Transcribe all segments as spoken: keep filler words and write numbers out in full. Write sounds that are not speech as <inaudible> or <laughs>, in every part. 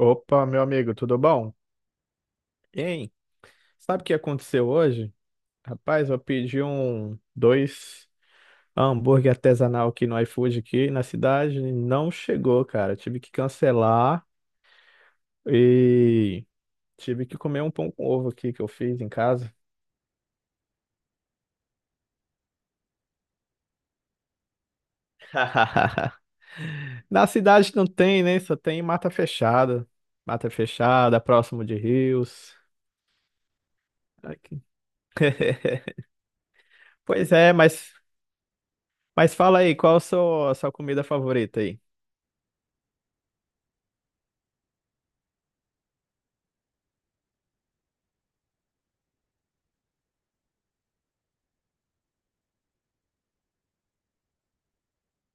Opa, meu amigo, tudo bom? Hein? Sabe o que aconteceu hoje? Rapaz, eu pedi um, dois hambúrguer artesanal aqui no iFood aqui na cidade, e não chegou, cara. Tive que cancelar e tive que comer um pão com ovo aqui que eu fiz em casa. <laughs> Na cidade não tem, né? Só tem mata fechada. Mata fechada, próximo de rios. Aqui. <laughs> Pois é, mas, mas fala aí, qual a sua, a sua comida favorita aí?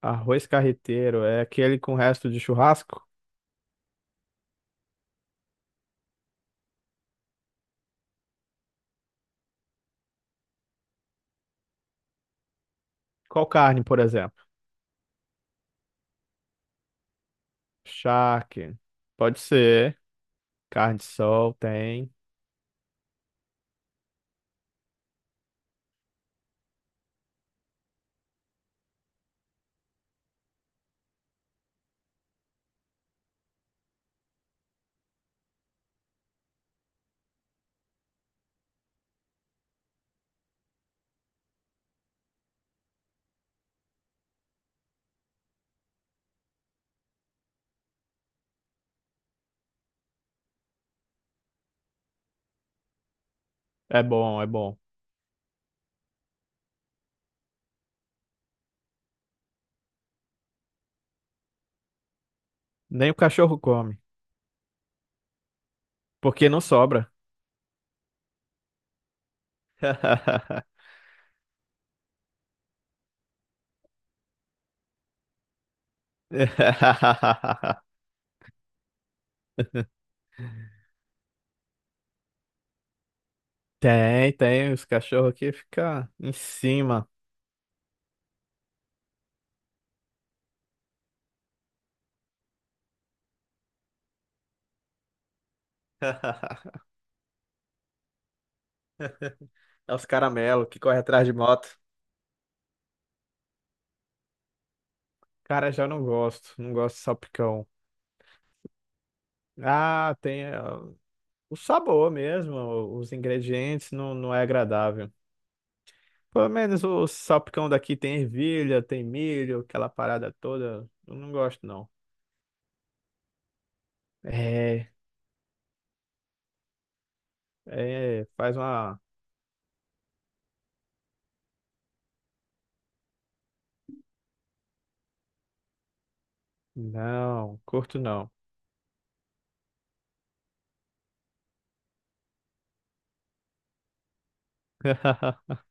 Arroz carreteiro é aquele com resto de churrasco? Qual carne, por exemplo? Charque. Pode ser. Carne de sol tem. É bom, é bom. Nem o cachorro come, porque não sobra. <laughs> Tem, tem. Os cachorros aqui ficam em cima. <laughs> É os caramelo que corre atrás de moto. Cara, já não gosto. Não gosto de salpicão. Ah, tem eh, o sabor mesmo. Os ingredientes não, não é agradável. Pelo menos o salpicão daqui tem ervilha, tem milho, aquela parada toda. Eu não gosto, não. É, é, faz uma. Não, curto não. <laughs>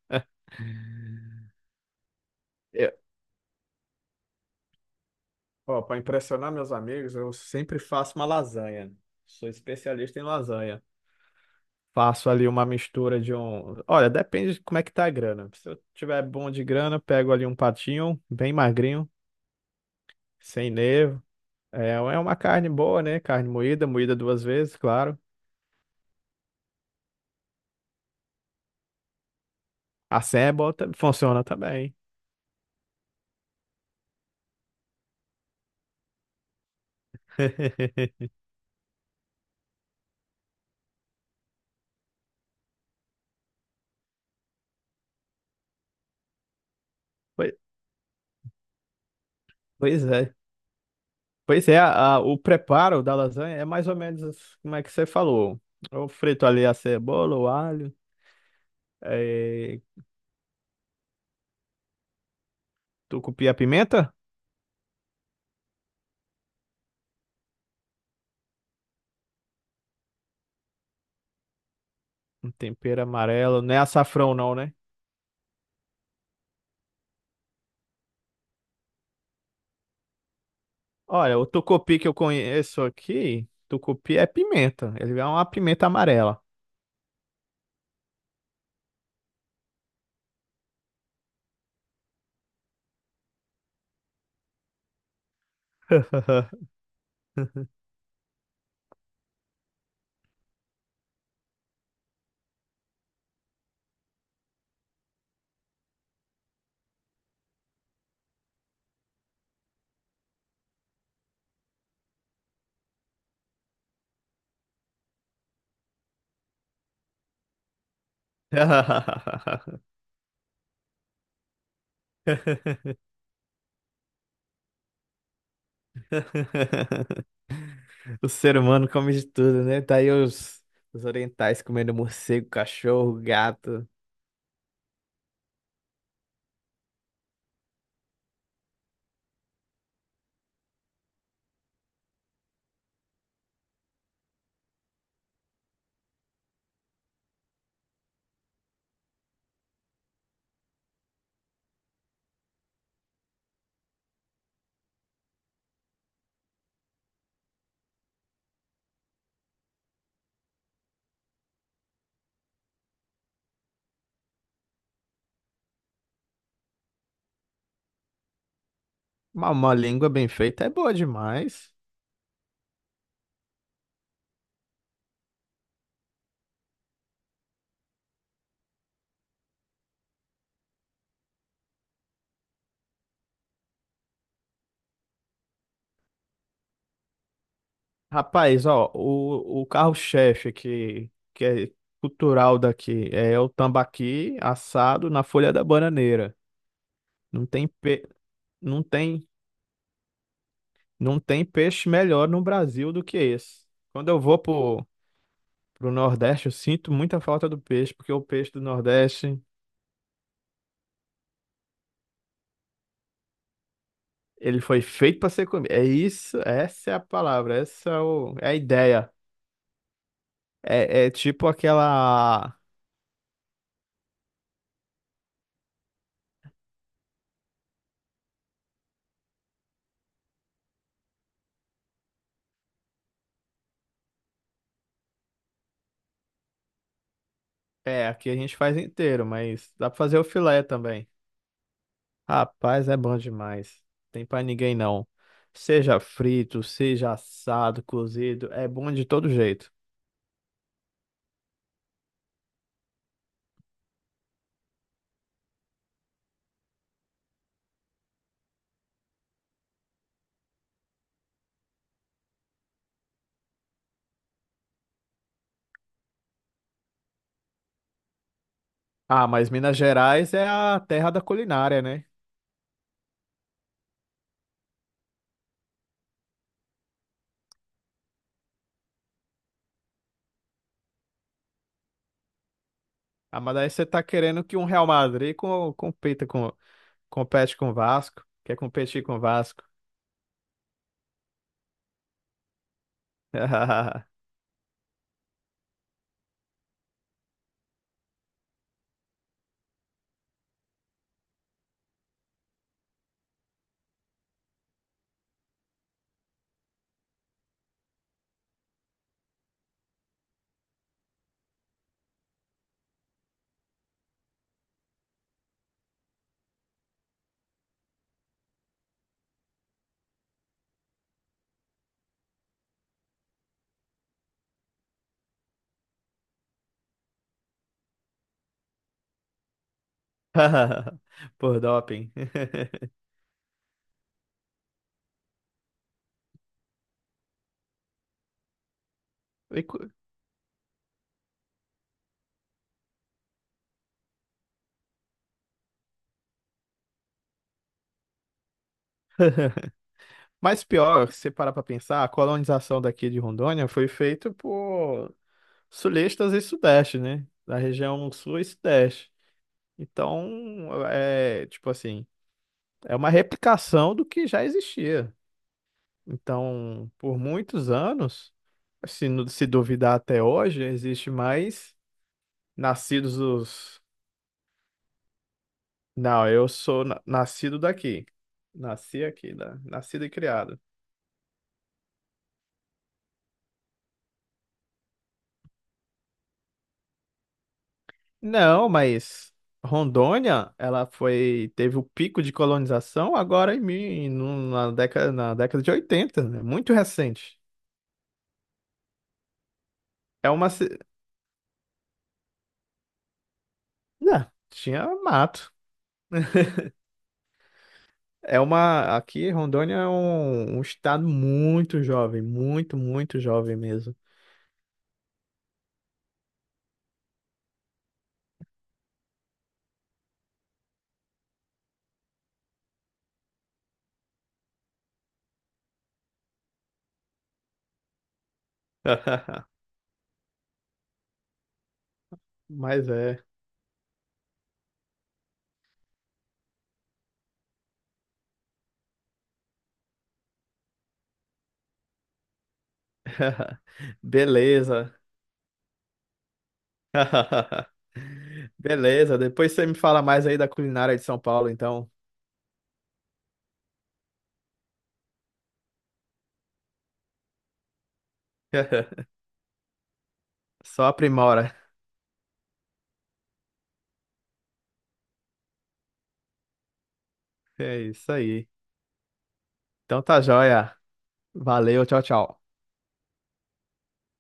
Eu- Ó, para impressionar meus amigos, eu sempre faço uma lasanha. Sou especialista em lasanha. Faço ali uma mistura de um. Olha, depende de como é que tá a grana. Se eu tiver bom de grana, eu pego ali um patinho, bem magrinho, sem nervo. É, é uma carne boa, né? Carne moída, moída duas vezes, claro. A senha é funciona também. <laughs> Pois pois é. Pois é, a- a- o preparo da lasanha é mais ou menos como é que você falou. Eu frito ali a cebola, o alho, eh, tucupi, a pimenta, um tempero amarelo, não é açafrão não, né? Olha, o tucupi que eu conheço aqui, tucupi é pimenta, ele é uma pimenta amarela. <laughs> <laughs> O ser humano come de tudo, né? Tá aí os, os orientais comendo morcego, cachorro, gato. Uma, uma língua bem feita é boa demais. Rapaz, ó, o, o carro-chefe que, que é cultural daqui é o tambaqui assado na folha da bananeira. Não tem, pe... não tem, não tem peixe melhor no Brasil do que esse. Quando eu vou pro, pro Nordeste, eu sinto muita falta do peixe, porque o peixe do Nordeste. Ele foi feito para ser comido. É isso, essa é a palavra, essa é, o- é a ideia. É, é tipo aquela. É, aqui a gente faz inteiro, mas dá para fazer o filé também. Rapaz, é bom demais. Tem para ninguém não. Seja frito, seja assado, cozido, é bom de todo jeito. Ah, mas Minas Gerais é a terra da culinária, né? Ah, mas aí você tá querendo que um Real Madrid com, compita com, compete com o Vasco? Quer competir com o Vasco? <laughs> <laughs> Por doping. <laughs> E cu- Mas pior, se parar para pensar, a colonização daqui de Rondônia foi feita por sulistas e sudeste, né? Da região sul e sudeste. Então, é tipo assim, é uma replicação do que já existia. Então, por muitos anos, se, nu- se duvidar até hoje, existe mais nascidos dos. Não, eu sou na- nascido daqui. Nasci aqui, né? Nascido e criado. Não, mas Rondônia, ela foi, teve o pico de colonização agora em, mil- no- na década, na década de oitenta, né? Muito recente. É uma, ci- não, tinha mato. <laughs> É uma, aqui Rondônia é um, um estado muito jovem, muito, muito jovem mesmo. <laughs> Mas é. <laughs> Beleza. <laughs> Beleza, depois você me fala mais aí da culinária de São Paulo, então. <laughs> Só aprimora. É isso aí. Então tá joia. Valeu, tchau, tchau.